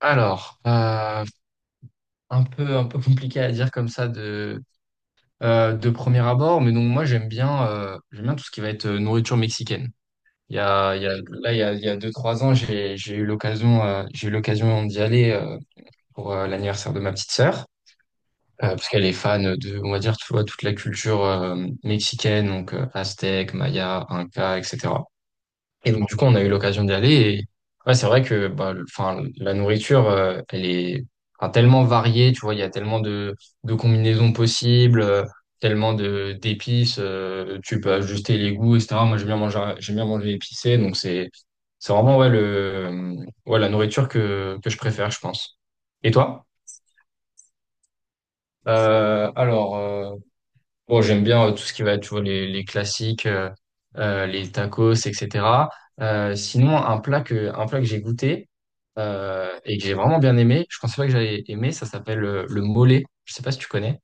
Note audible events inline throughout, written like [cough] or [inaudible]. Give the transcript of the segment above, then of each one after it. Alors, euh, un peu compliqué à dire comme ça de premier abord, mais donc moi j'aime bien tout ce qui va être nourriture mexicaine. Il y a, là, il y a deux, trois ans, j'ai eu l'occasion d'y aller pour l'anniversaire de ma petite sœur, parce qu'elle est fan de, on va dire, tu vois, toute la culture mexicaine, donc aztèque, maya, inca, etc. Et donc, du coup, on a eu l'occasion d'y aller. Et ouais, c'est vrai que bah, enfin, la nourriture, elle est enfin, tellement variée. Tu vois, il y a tellement de combinaisons possibles, tellement de d'épices. Tu peux ajuster les goûts, etc. Moi, j'aime bien manger épicé. Donc, c'est vraiment ouais, ouais, la nourriture que je préfère, je pense. Et toi? Euh, alors, euh, Bon, j'aime bien tout ce qui va être, tu vois, les classiques, les tacos, etc. Sinon, un plat que j'ai goûté et que j'ai vraiment bien aimé, je pensais pas que j'allais aimer, ça s'appelle le mollet. Je sais pas si tu connais.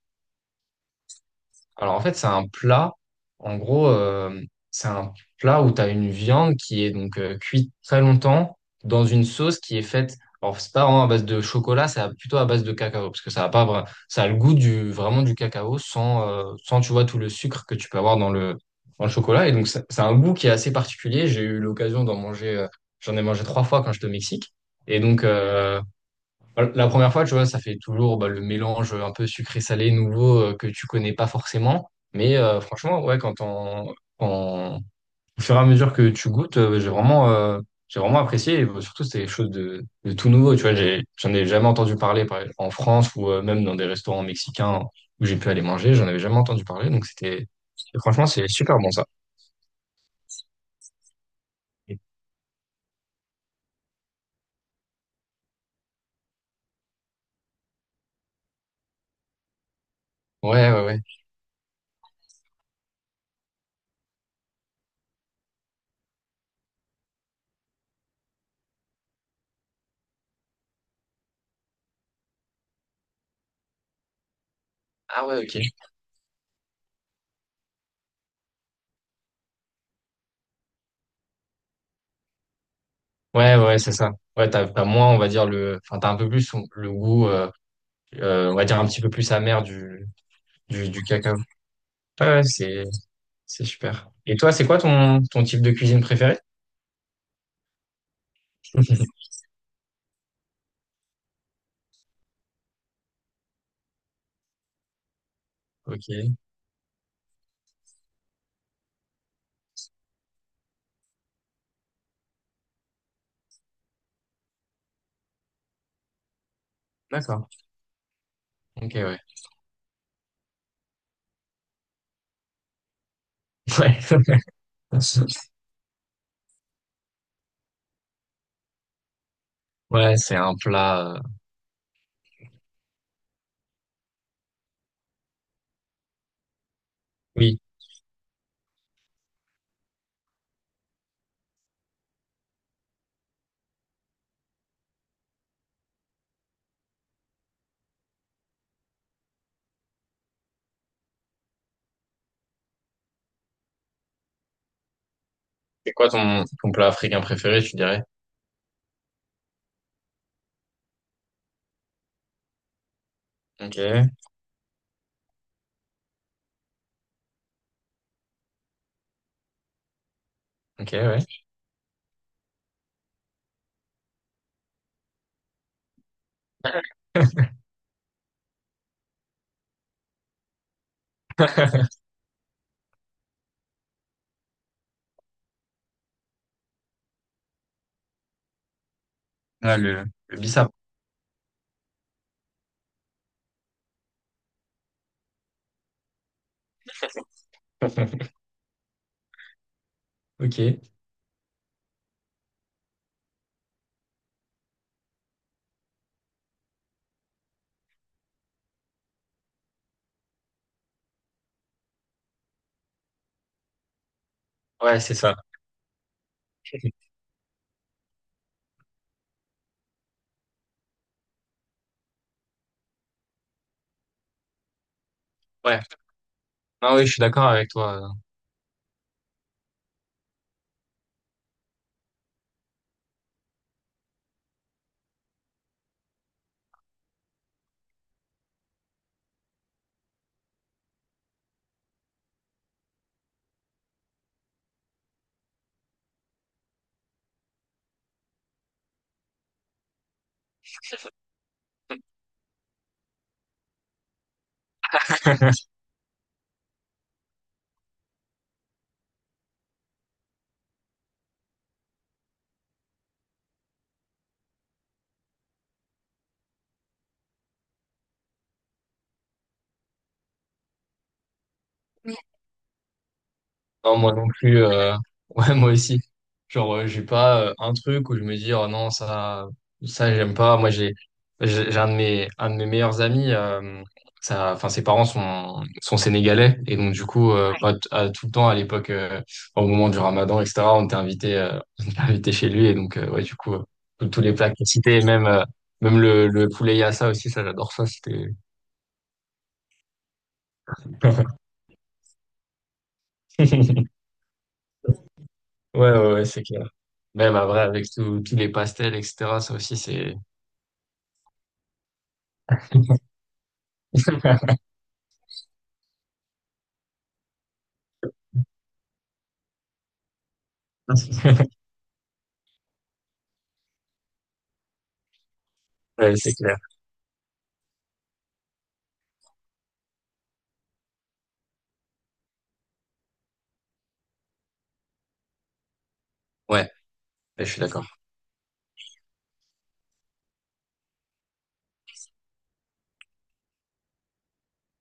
Alors en fait, c'est un plat, en gros, c'est un plat où tu as une viande qui est donc cuite très longtemps dans une sauce qui est faite, alors c'est pas vraiment à base de chocolat, plutôt à base de cacao, parce que ça a pas, ça a le goût du, vraiment du cacao sans, tu vois, tout le sucre que tu peux avoir dans le chocolat. Et donc c'est un goût qui est assez particulier. J'ai eu l'occasion d'en manger, j'en ai mangé trois fois quand j'étais au Mexique. Et donc, la première fois, tu vois, ça fait toujours bah, le mélange un peu sucré-salé nouveau que tu connais pas forcément. Mais franchement, ouais, au fur et à mesure que tu goûtes, j'ai vraiment apprécié. Et, bah, surtout, c'était quelque chose de tout nouveau. Tu vois, j'en ai jamais entendu en France ou même dans des restaurants mexicains où j'ai pu aller manger. J'en avais jamais entendu parler. Donc, c'était, franchement, c'est super bon ça. Ouais, ouais, ouais. Ah ouais, ok. Ouais, ouais, c'est ça. Ouais, t'as moins, on va dire, enfin, t'as un peu plus le goût. On va dire un petit peu plus amer du cacao. Ouais, ouais, c'est super. Et toi, c'est quoi ton, ton type de cuisine préféré? Ok, d'accord. Ok, ouais. [laughs] Ouais, ouais, c'est un plat. Oui. C'est quoi ton, ton plat africain préféré, tu dirais? Ok, ok, ouais. [laughs] Ah, le bissap. Ok. Ouais, c'est ça. Ouais. Non, oui, je suis d'accord avec toi. Non, moi non plus. [laughs] Ouais, moi aussi. Genre, j'ai pas un truc où je me dis, oh non, ça, j'aime pas. Moi, j'ai un de mes meilleurs amis. Ça, enfin, ses parents sont sénégalais. Et donc, du coup, pas t- à tout le temps, à l'époque, au moment du ramadan, etc., on était invité, [laughs] on était invité chez lui. Et donc, ouais, du coup, tous les plats que cités, et même, même le poulet yassa aussi, ça, j'adore ça. C'était, [laughs] ouais, ouais, ouais, c'est clair. Même après, avec tous les pastels, etc., ça aussi, c'est, [laughs] ouais, c'est clair. Ouais, je suis d'accord.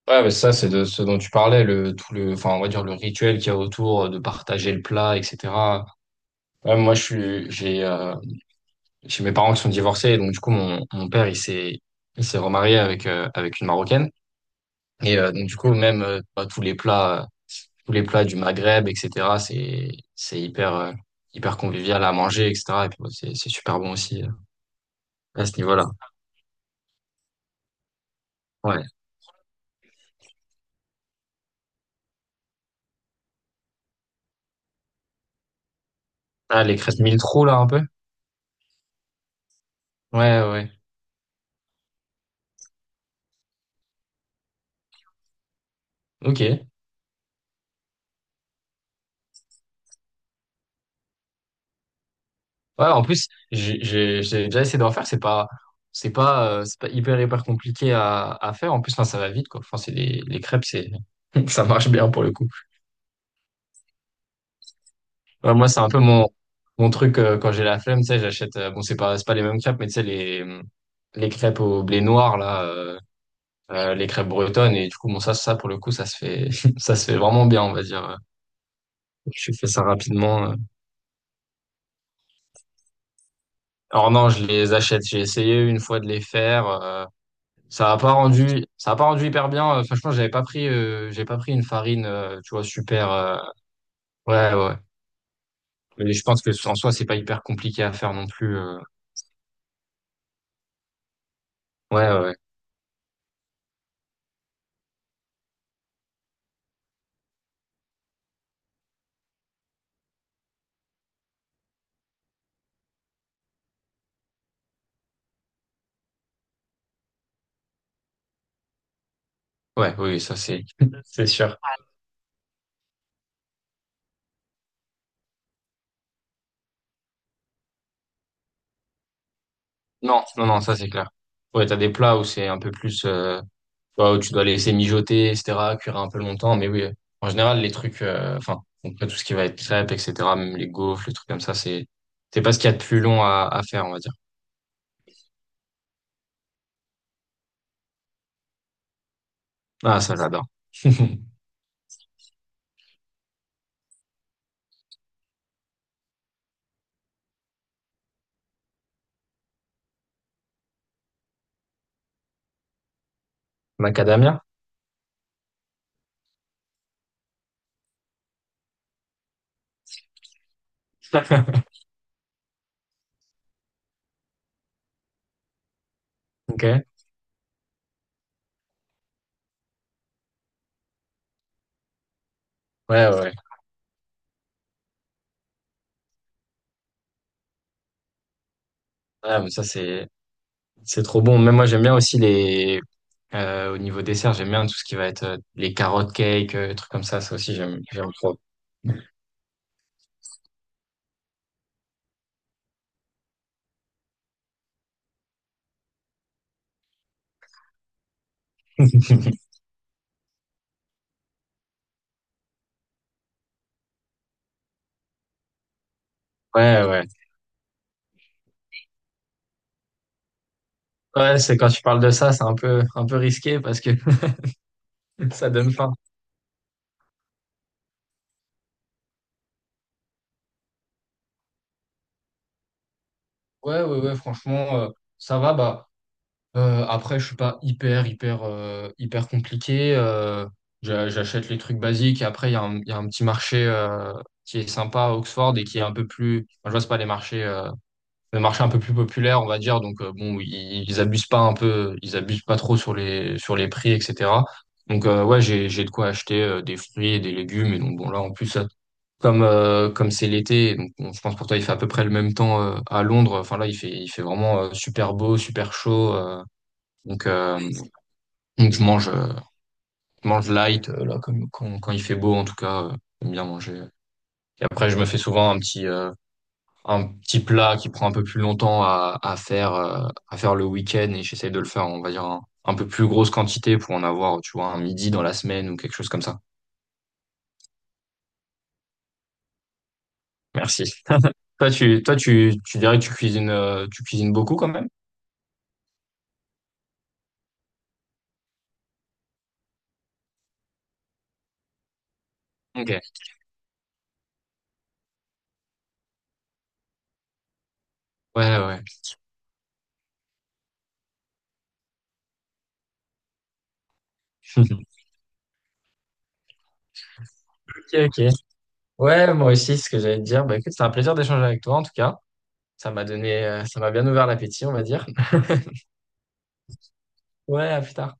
Ouais, mais ça, c'est de ce dont tu parlais, tout enfin, on va dire le rituel qu'il y a autour de partager le plat, etc. Ouais, moi, j'ai mes parents qui sont divorcés, donc du coup, mon père, il s'est remarié avec, avec une Marocaine. Et donc du coup, même bah, tous les plats du Maghreb, etc. C'est hyper, hyper convivial à manger, etc. Et puis, bah, c'est super bon aussi à ce niveau-là. Ouais. Ah, les crêpes mille trous là, un peu. Ouais, ouais. Ok. Ouais, en plus, j'ai déjà essayé d'en faire. C'est pas hyper, hyper compliqué à faire. En plus, enfin, ça va vite, quoi. Enfin, les crêpes, c'est, [laughs] ça marche bien pour le coup. Ouais, moi, c'est un peu mon, mon truc, quand j'ai la flemme, tu sais, j'achète, bon, c'est pas les mêmes crêpes, mais tu sais, les crêpes au blé noir, là, les crêpes bretonnes. Et du coup, bon, pour le coup, [laughs] ça se fait vraiment bien, on va dire. Je fais ça rapidement. Alors non, je les achète. J'ai essayé une fois de les faire. Ça a pas rendu hyper bien. Franchement, j'ai pas pris une farine, tu vois, super. Ouais, ouais. ouais. Mais je pense que en soi, c'est pas hyper compliqué à faire non plus. Ouais, ouais, ouais, ouais, oui, ça c'est, [laughs] c'est sûr. Non, non, non, ça c'est clair. Ouais, t'as des plats où c'est un peu plus, tu vois, où tu dois laisser mijoter, etc., cuire un peu longtemps. Mais oui, en général, les trucs, enfin, après tout ce qui va être crêpes, etc., même les gaufres, les trucs comme ça, c'est pas ce qu'il y a de plus long à faire, on va dire. Ah, ça j'adore. [laughs] Macadamia. [laughs] Ok. Ouais, ouais. ouais. Ah, mais ça, c'est trop bon. Même moi, j'aime bien aussi les, au niveau dessert, j'aime bien tout ce qui va être les carottes cake, trucs comme ça. Ça aussi, j'aime, j'aime trop. [laughs] Ouais, ouais. Ouais, c'est quand tu parles de ça, c'est un peu risqué parce que [laughs] ça donne faim. Ouais, ouais, ouais, franchement, ça va, bah, après, je suis pas hyper, hyper, hyper compliqué, j'achète les trucs basiques, et après, il y a un petit marché, qui est sympa à Oxford et qui est un peu plus, enfin, je vois, c'est pas les marchés, le marché un peu plus populaire, on va dire. Donc bon, ils abusent pas un peu, ils abusent pas trop sur les prix, etc. Donc ouais, j'ai de quoi acheter des fruits et des légumes. Et donc bon là, en plus, comme comme c'est l'été, donc bon, je pense pour toi il fait à peu près le même temps à Londres. Enfin là, il fait vraiment super beau, super chaud. Donc euh, donc je mange light là comme quand il fait beau en tout cas. J'aime bien manger. Et après, je me fais souvent un petit plat qui prend un peu plus longtemps à faire le week-end et j'essaye de le faire, on va dire, en un peu plus grosse quantité pour en avoir, tu vois, un midi dans la semaine ou quelque chose comme ça. Merci. Tu dirais que tu cuisines beaucoup quand même? Ok. Ouais, ouais. [laughs] Ok, ok. Ouais, moi aussi, c'est ce que j'allais te dire. Bah écoute, c'était un plaisir d'échanger avec toi, en tout cas. Ça m'a donné, ça m'a bien ouvert l'appétit, on va dire. Ouais, à plus tard.